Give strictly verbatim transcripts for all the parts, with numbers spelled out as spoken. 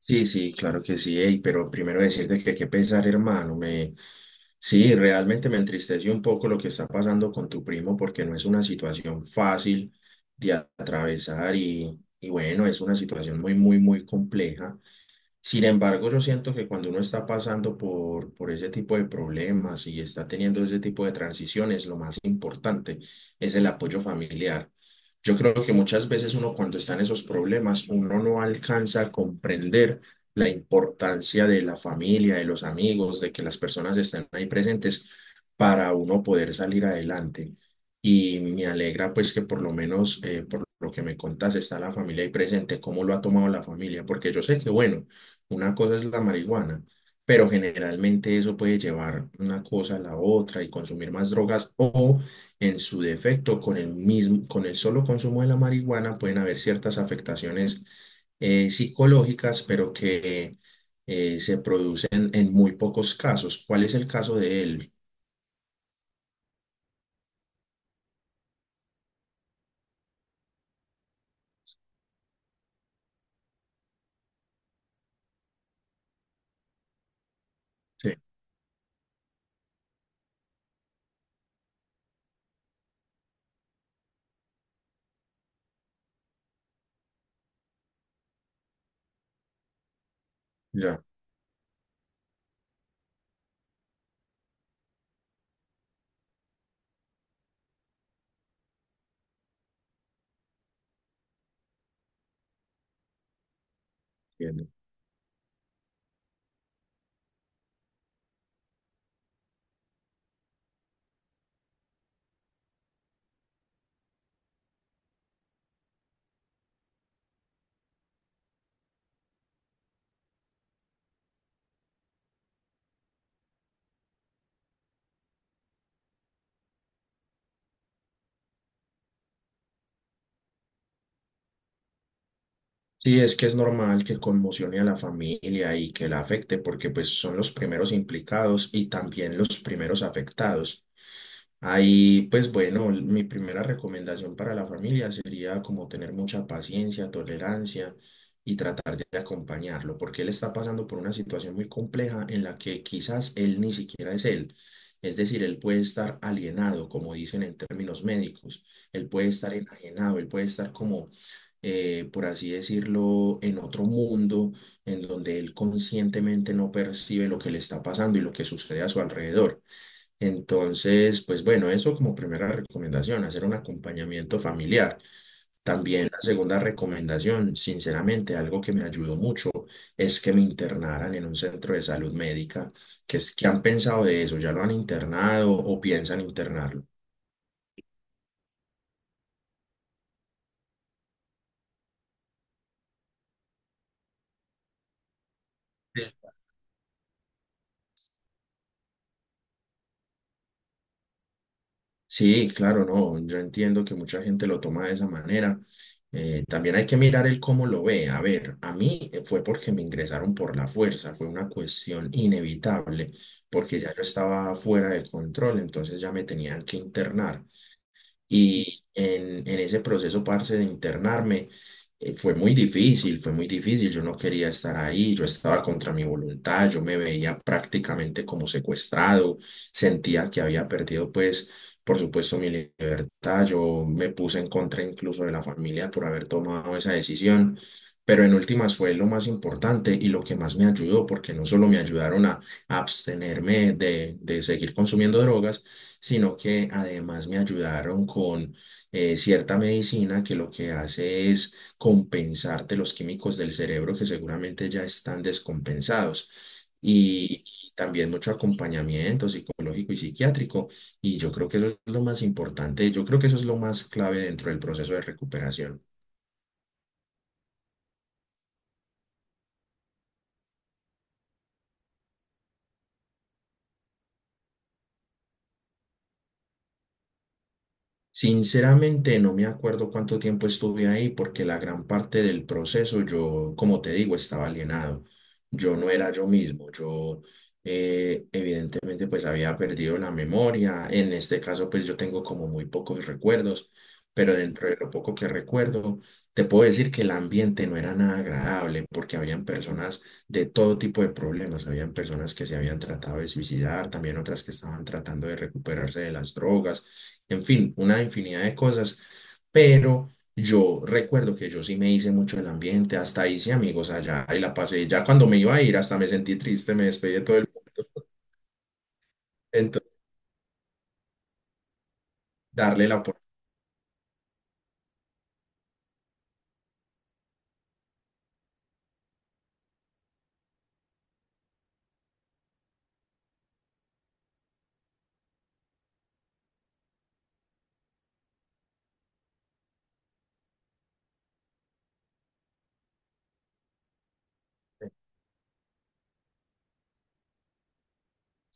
Sí, sí, claro que sí, ey, pero primero decirte que qué pesar, hermano, me... Sí, realmente me entristece un poco lo que está pasando con tu primo porque no es una situación fácil de a- atravesar y, y bueno, es una situación muy, muy, muy compleja. Sin embargo, yo siento que cuando uno está pasando por, por ese tipo de problemas y está teniendo ese tipo de transiciones, lo más importante es el apoyo familiar. Yo creo que muchas veces uno cuando está en esos problemas, uno no alcanza a comprender la importancia de la familia, de los amigos, de que las personas estén ahí presentes para uno poder salir adelante. Y me alegra pues que por lo menos eh, por lo que me contás está la familia ahí presente, cómo lo ha tomado la familia, porque yo sé que bueno. Una cosa es la marihuana, pero generalmente eso puede llevar una cosa a la otra y consumir más drogas o en su defecto con el mismo, con el solo consumo de la marihuana pueden haber ciertas afectaciones eh, psicológicas, pero que eh, se producen en muy pocos casos. ¿Cuál es el caso de él? Sí, ya entiendo. Sí, es que es normal que conmocione a la familia y que la afecte, porque pues son los primeros implicados y también los primeros afectados. Ahí, pues bueno, mi primera recomendación para la familia sería como tener mucha paciencia, tolerancia y tratar de acompañarlo, porque él está pasando por una situación muy compleja en la que quizás él ni siquiera es él. Es decir, él puede estar alienado, como dicen en términos médicos, él puede estar enajenado, él puede estar como, eh, por así decirlo, en otro mundo en donde él conscientemente no percibe lo que le está pasando y lo que sucede a su alrededor. Entonces, pues bueno, eso como primera recomendación, hacer un acompañamiento familiar. También la segunda recomendación, sinceramente, algo que me ayudó mucho es que me internaran en un centro de salud médica, que es que han pensado de eso, ya lo han internado o piensan internarlo. Sí, claro, no, yo entiendo que mucha gente lo toma de esa manera. Eh, también hay que mirar el cómo lo ve. A ver, a mí eh, fue porque me ingresaron por la fuerza, fue una cuestión inevitable, porque ya yo estaba fuera de control, entonces ya me tenían que internar. Y en, en ese proceso, parce, de internarme, eh, fue muy difícil, fue muy difícil. Yo no quería estar ahí, yo estaba contra mi voluntad, yo me veía prácticamente como secuestrado, sentía que había perdido, pues, por supuesto, mi libertad. Yo me puse en contra incluso de la familia por haber tomado esa decisión. Pero en últimas fue lo más importante y lo que más me ayudó, porque no solo me ayudaron a abstenerme de, de seguir consumiendo drogas, sino que además me ayudaron con eh, cierta medicina que lo que hace es compensarte los químicos del cerebro que seguramente ya están descompensados. Y también mucho acompañamiento psicológico y psiquiátrico. Y yo creo que eso es lo más importante, yo creo que eso es lo más clave dentro del proceso de recuperación. Sinceramente no me acuerdo cuánto tiempo estuve ahí porque la gran parte del proceso yo, como te digo, estaba alienado. Yo no era yo mismo. Yo eh, evidentemente pues había perdido la memoria. En este caso pues yo tengo como muy pocos recuerdos, pero dentro de lo poco que recuerdo, te puedo decir que el ambiente no era nada agradable porque habían personas de todo tipo de problemas. Habían personas que se habían tratado de suicidar, también otras que estaban tratando de recuperarse de las drogas, en fin, una infinidad de cosas. Pero yo recuerdo que yo sí me hice mucho el ambiente, hasta hice amigos allá y la pasé. Ya cuando me iba a ir, hasta me sentí triste, me despedí de todo el mundo. Entonces, darle la oportunidad.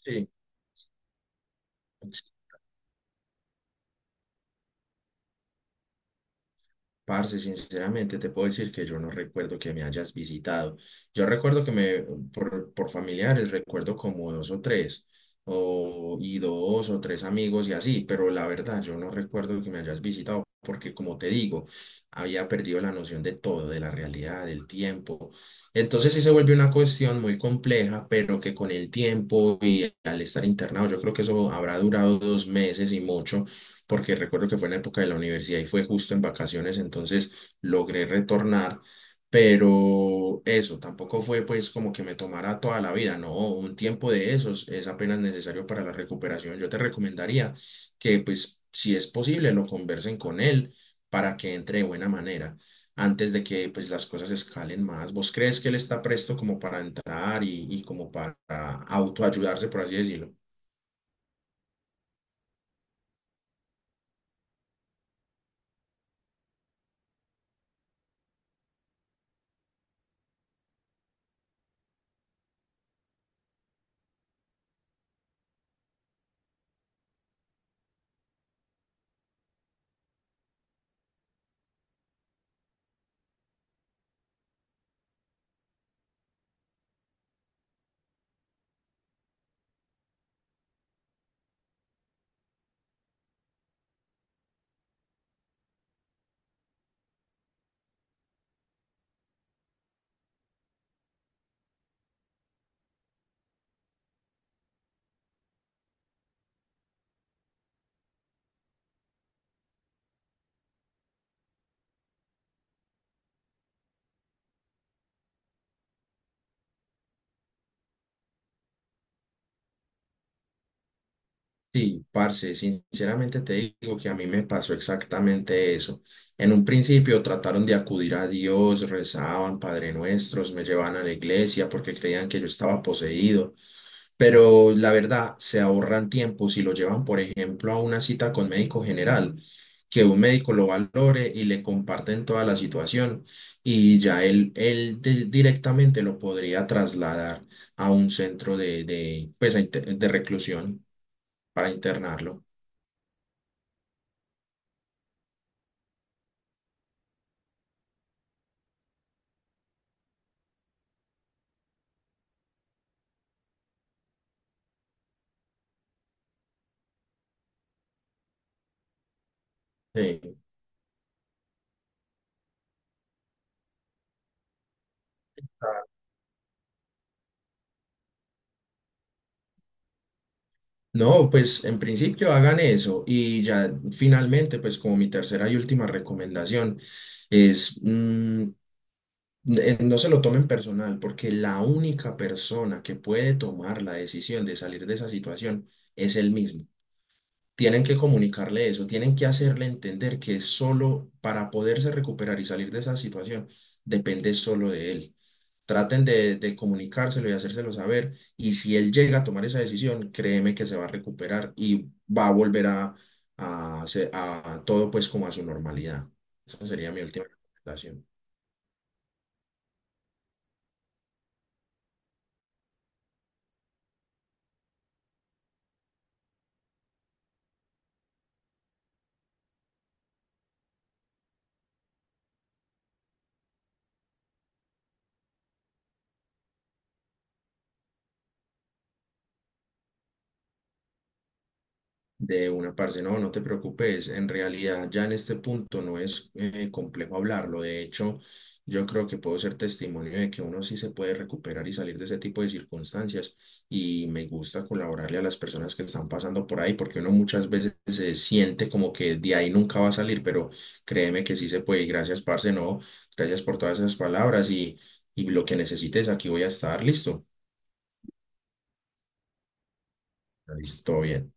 Sí, parce, sinceramente te puedo decir que yo no recuerdo que me hayas visitado. Yo recuerdo que me, por, por familiares, recuerdo como dos o tres, o, y dos o tres amigos y así, pero la verdad yo no recuerdo que me hayas visitado porque como te digo, había perdido la noción de todo, de la realidad, del tiempo. Entonces sí se vuelve una cuestión muy compleja, pero que con el tiempo y al estar internado, yo creo que eso habrá durado dos meses y mucho porque recuerdo que fue en la época de la universidad y fue justo en vacaciones, entonces logré retornar, pero eso tampoco fue pues como que me tomara toda la vida, no, un tiempo de esos es apenas necesario para la recuperación. Yo te recomendaría que pues si es posible lo conversen con él para que entre de buena manera antes de que pues las cosas escalen más. ¿Vos crees que él está presto como para entrar y, y como para autoayudarse, por así decirlo? Sí, parce, sinceramente te digo que a mí me pasó exactamente eso. En un principio trataron de acudir a Dios, rezaban Padre Nuestros, me llevaban a la iglesia porque creían que yo estaba poseído, pero la verdad se ahorran tiempo si lo llevan, por ejemplo, a una cita con médico general, que un médico lo valore y le comparten toda la situación y ya él, él de- directamente lo podría trasladar a un centro de, de, pues, a inter- de reclusión para internarlo. Sí. No, pues en principio hagan eso y ya finalmente, pues como mi tercera y última recomendación es, mm, eh, no se lo tomen personal porque la única persona que puede tomar la decisión de salir de esa situación es él mismo. Tienen que comunicarle eso, tienen que hacerle entender que solo para poderse recuperar y salir de esa situación depende solo de él. Traten de, de comunicárselo y hacérselo saber y si él llega a tomar esa decisión, créeme que se va a recuperar y va a volver a, a, se- a todo pues como a su normalidad. Esa sería mi última recomendación. De una parte, no, no te preocupes. En realidad, ya en este punto no es eh, complejo hablarlo. De hecho, yo creo que puedo ser testimonio de que uno sí se puede recuperar y salir de ese tipo de circunstancias. Y me gusta colaborarle a las personas que están pasando por ahí, porque uno muchas veces se siente como que de ahí nunca va a salir, pero créeme que sí se puede. Y gracias, parce, no. Gracias por todas esas palabras y, y lo que necesites, aquí voy a estar. Listo. Listo, bien.